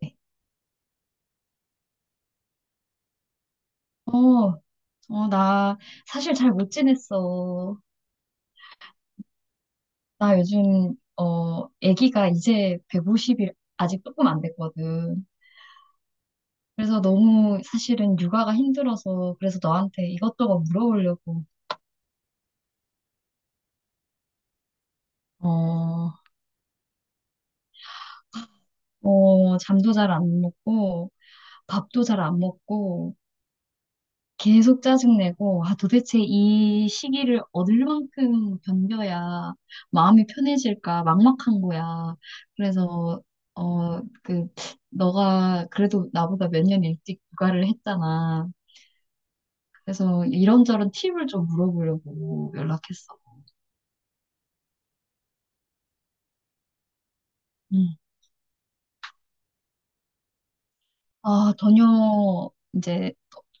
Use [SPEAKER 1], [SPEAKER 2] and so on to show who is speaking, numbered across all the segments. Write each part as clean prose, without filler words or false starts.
[SPEAKER 1] 네. 어, 어, 나 사실 잘 못 지냈어. 나 요즘, 아기가 이제 150일 아직 조금 안 됐거든. 그래서 너무 사실은 육아가 힘들어서 그래서 너한테 이것저것 물어보려고. 어, 어, 잠도 잘 안 먹고 밥도 잘 안 먹고 계속 짜증내고, 아, 도대체 이 시기를 얻을 만큼 견뎌야 마음이 편해질까 막막한 거야. 그래서, 어, 그, 너가 그래도 나보다 몇 년 일찍 육아를 했잖아. 그래서 이런저런 팁을 좀 물어보려고 연락했어. 음. 아, 전혀 이제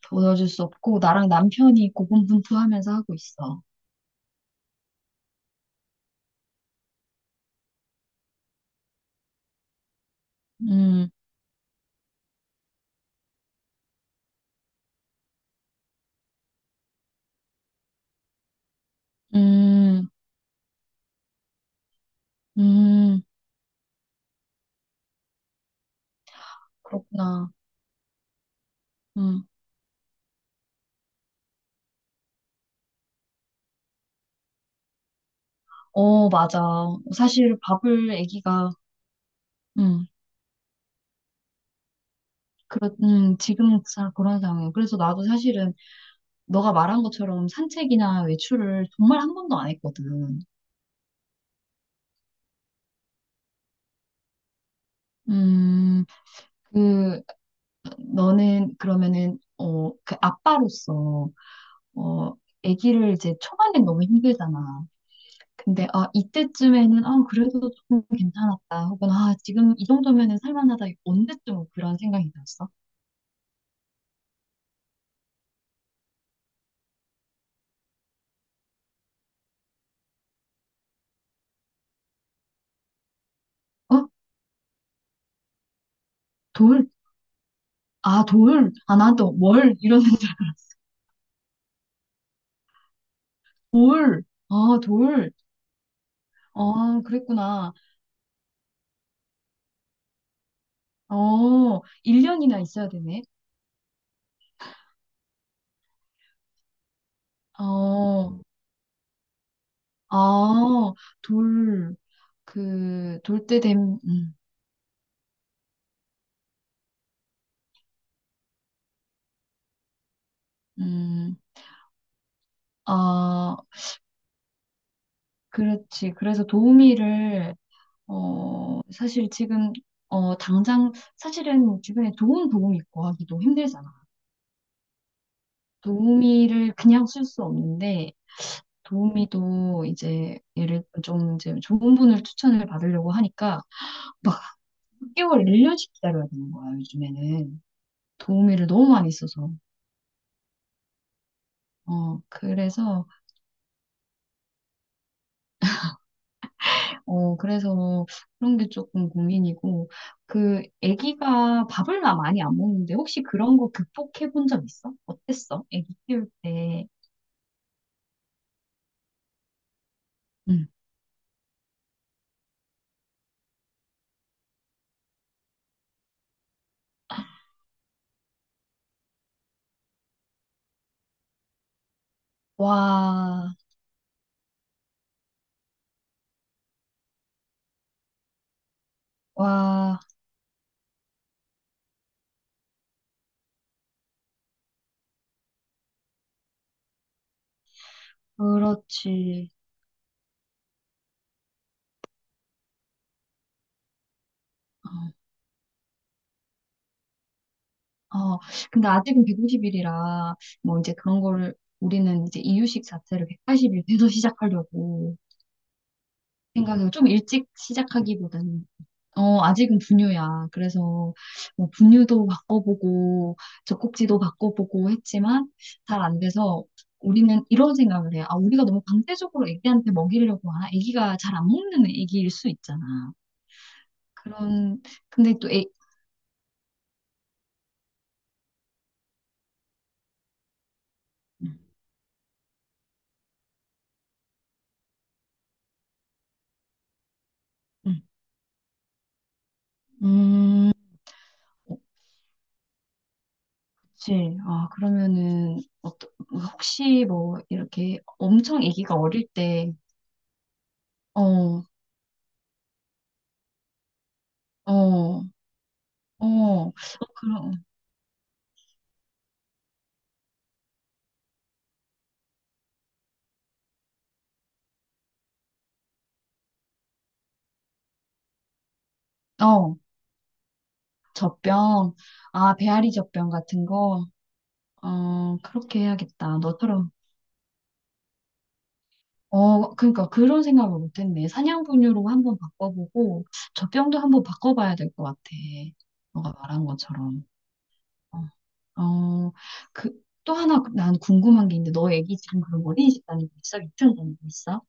[SPEAKER 1] 도와줄 수 없고, 나랑 남편이 고군분투하면서 하고 있어. 음, 음, 음, 그렇구나. 어, 맞아. 사실 밥을 아기가, 음, 지금 잘 그런 상황이에요. 그래서 나도 사실은 너가 말한 것처럼 산책이나 외출을 정말 한 번도 안 했거든. 음, 그, 너는 그러면은, 그 아빠로서, 어, 아기를 이제 초반엔 너무 힘들잖아. 근데, 아, 이때쯤에는, 아, 그래도 조금 괜찮았다. 혹은, 아, 지금 이 정도면은 살만하다. 언제쯤 뭐 그런 생각이 들었어? 어? 돌, 아, 돌? 아, 난 또 월? 이러는 줄 알았어. 돌. 아, 돌. 아, 그랬구나. 어, 1년이나 있어야 되네. 어, 아, 돌. 그, 돌 때 됨, 음, 아, 그렇지. 그래서 도우미를, 사실 지금, 당장, 사실은 주변에 좋은 도우미 있고 하기도 힘들잖아. 도우미를 그냥 쓸 수 없는데, 도우미도 이제 예를좀 이제 좋은 분을 추천을 받으려고 하니까 막 6개월, 1년씩 기다려야 되는 거야, 요즘에는. 도우미를 너무 많이 써서. 어, 그래서, 그래서 그런 게 조금 고민이고, 아기가 밥을 나 많이 안 먹는데, 혹시 그런 거 극복해 본 적 있어? 어땠어? 아기 키울 때. 응. 와, 와, 그렇지. 어. 어, 근데 아직은 150일이라, 뭐 이제 그런 거를 우리는 이제 이유식 자체를 180일 돼서 시작하려고 생각해요. 좀 일찍 시작하기보다는. 어, 아직은 분유야. 그래서 뭐 분유도 바꿔보고, 젖꼭지도 바꿔보고 했지만 잘 안 돼서 우리는 이런 생각을 해요. 아, 우리가 너무 강제적으로 애기한테 먹이려고 하나? 애기가 잘 안 먹는 애기일 수 있잖아. 그런, 근데 또 음, 음. 그치. 아, 그러면은, 어떠, 혹시 뭐, 이렇게 엄청 아기가 어릴 때, 어, 어, 어, 어, 그럼, 어, 젖병, 아, 배앓이 젖병 같은 거, 어, 그렇게 해야겠다. 너처럼. 어, 그러니까 그런 생각을 못했네. 사냥분유로 한번 바꿔보고, 젖병도 한번 바꿔봐야 될 것 같아. 너가 말한 것처럼. 어, 어, 그, 또 하나 난 궁금한 게 있는데, 너 애기 지금 그럼 어린이집 다니고 있어? 유치원 다니고 있어?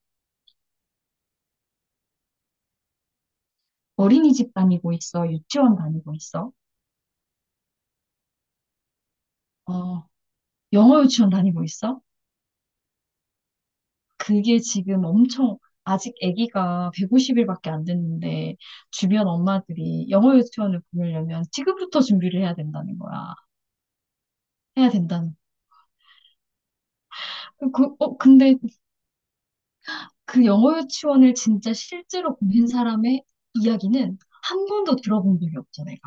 [SPEAKER 1] 어린이집 다니고 있어? 유치원 다니고 있어? 어, 영어 유치원 다니고 있어? 그게 지금 엄청, 아직 아기가 150일밖에 안 됐는데, 주변 엄마들이 영어 유치원을 보내려면 지금부터 준비를 해야 된다는 거야. 해야 된다는 거야. 근데 그 영어 유치원을 진짜 실제로 보낸 사람의 이야기는 한 번도 들어본 적이 없어, 내가.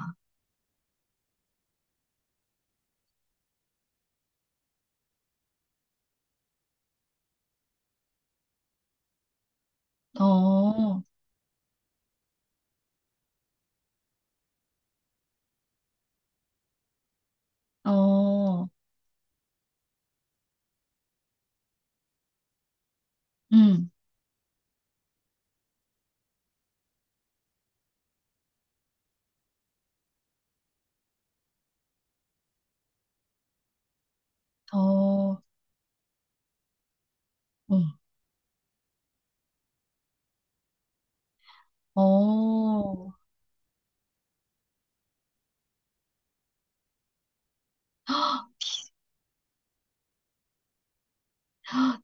[SPEAKER 1] 어, 응. 어, 음, 어, 음, 어.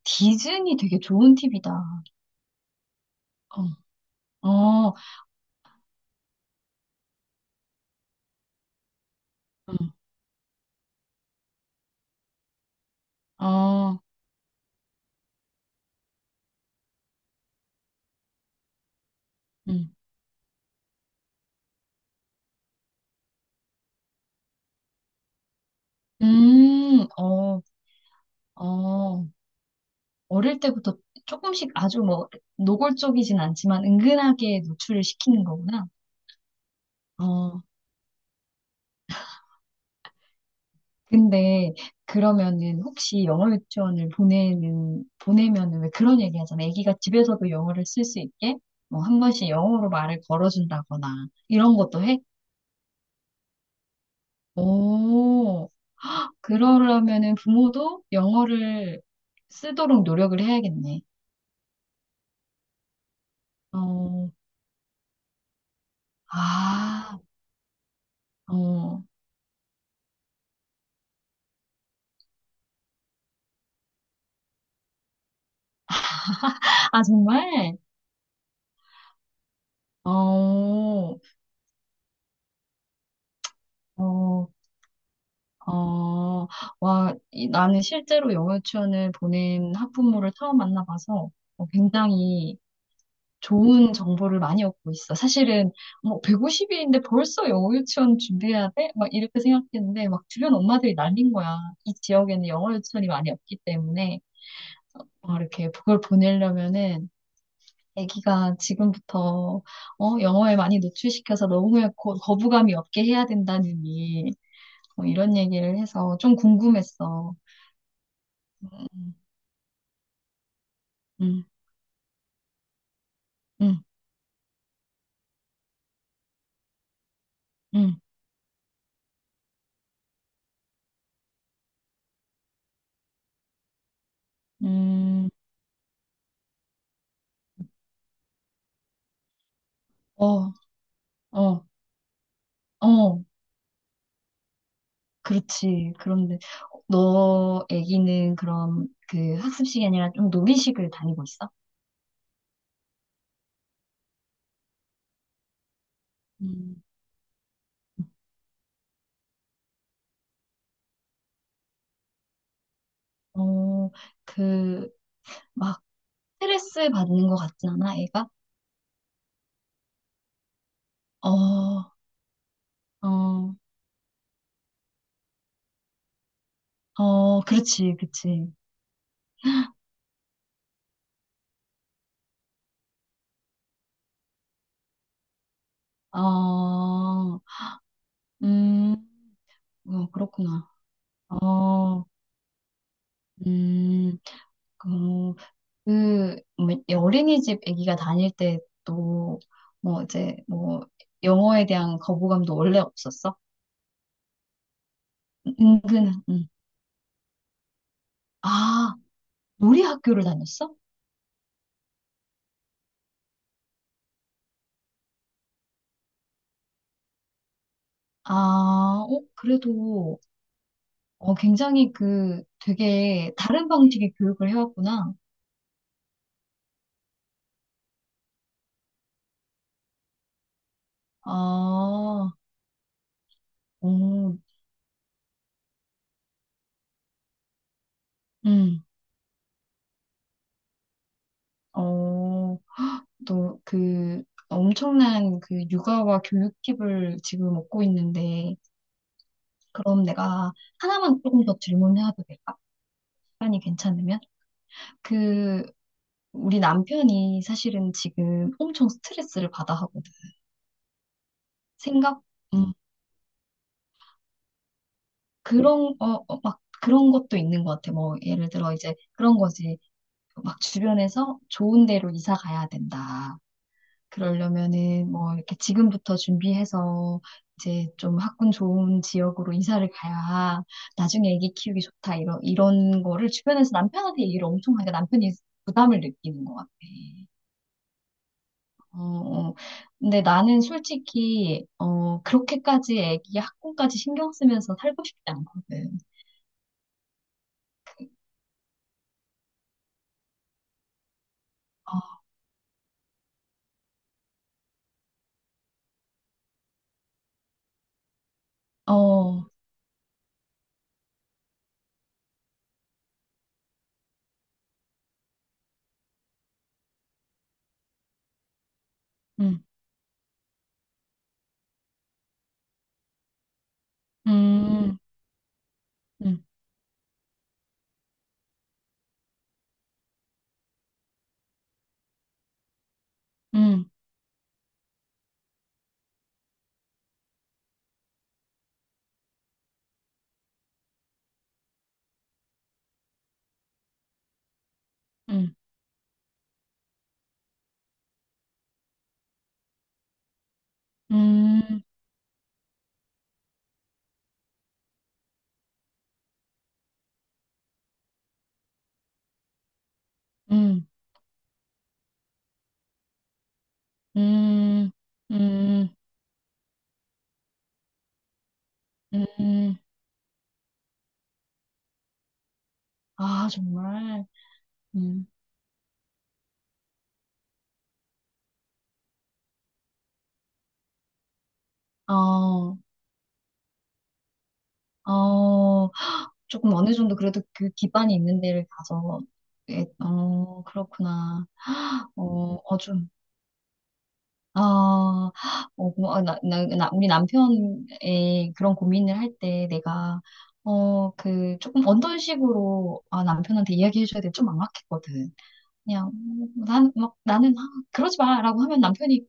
[SPEAKER 1] 디즈니 되게 좋은 팁이다. 어, 어, 음, 어, 음, 어, 어. 어릴 때부터 조금씩 아주 뭐 노골적이진 않지만 은근하게 노출을 시키는 거구나. 어, 근데 그러면은 혹시 영어 유치원을 보내면은 왜 그런 얘기 하잖아. 애기가 집에서도 영어를 쓸 수 있게 뭐 한 번씩 영어로 말을 걸어준다거나 이런 것도 해? 오. 그러려면은 부모도 영어를 쓰도록 노력을 해야겠네. 어, 아, 어, 아, 정말? 어, 어, 어, 와, 나는 실제로 영어 유치원을 보낸 학부모를 처음 만나봐서 굉장히 좋은 정보를 많이 얻고 있어. 사실은 뭐 150일인데 벌써 영어 유치원 준비해야 돼? 막 이렇게 생각했는데 막 주변 엄마들이 난린 거야. 이 지역에는 영어 유치원이 많이 없기 때문에. 어, 이렇게 그걸 보내려면은 아기가 지금부터 영어에 많이 노출시켜서 너무 거부감이 없게 해야 된다느니 뭐 이런 얘기를 해서 좀 궁금했어. 음, 음, 음, 음, 음, 어, 어, 어, 그렇지. 그런데 너 아기는 그럼 그 학습 이 아니라 좀 놀이식을 다니고 있어? 음. 어, 그, 막, 스트레스 받는 것 같진 않아, 애가? 어, 어, 어, 그렇지, 그치. 어, 음, 어, 그렇구나. 어, 음, 그, 뭐, 이 어린이집 아기가 다닐 때 또, 뭐, 이제, 뭐, 영어에 대한 거부감도 원래 없었어? 응. 아, 놀이 학교를 다녔어? 아, 그래도, 굉장히 되게 다른 방식의 교육을 해왔구나. 아, 오, 음, 어, 또 그 엄청난 그 육아와 교육 팁을 지금 얻고 있는데, 그럼 내가 하나만 조금 더 질문해도 될까? 시간이 괜찮으면? 그, 우리 남편이 사실은 지금 엄청 스트레스를 받아 하거든. 생각, 음, 그런, 어, 어, 막 그런 것도 있는 것 같아. 뭐, 예를 들어 이제 그런 거지. 막 주변에서 좋은 데로 이사 가야 된다. 그러려면은 뭐 이렇게 지금부터 준비해서 이제 좀 학군 좋은 지역으로 이사를 가야 나중에 아기 키우기 좋다 이런 거를 주변에서 남편한테 얘기를 엄청 하니까 남편이 부담을 느끼는 것 같아. 어, 어. 근데 나는 솔직히 그렇게까지 아기 학군까지 신경 쓰면서 살고 싶지 않거든. 어, 어, 음, 음, 음, 음, 음, 음, 음, 음, 음, 음. 아, 정말. 음. 어, 어, 조금 어느 정도 그래도 그 기반이 있는 데를 가서, 예, 어, 그렇구나. 어, 어, 좀, 아, 어, 고마워. 나, 우리 남편의 그런 고민을 할 때 내가, 조금 어떤 식으로, 아, 남편한테 이야기해줘야 돼. 좀 막막했거든. 그냥, 막, 나는, 아, 그러지 마. 라고 하면 남편이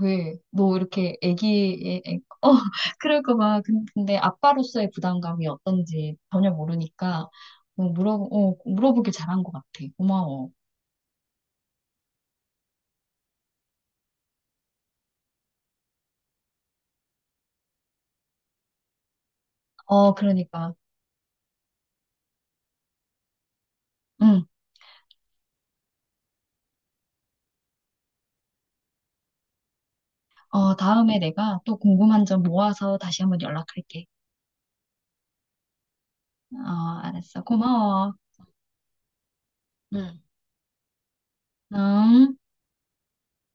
[SPEAKER 1] 왜, 너 이렇게 애기의, 그럴까 봐. 근데 아빠로서의 부담감이 어떤지 전혀 모르니까, 물어보길 잘한 것 같아. 고마워. 어, 그러니까, 응. 어, 다음에 내가 또 궁금한 점 모아서 다시 한번 연락할게. 어, 알았어. 고마워. 응. 음.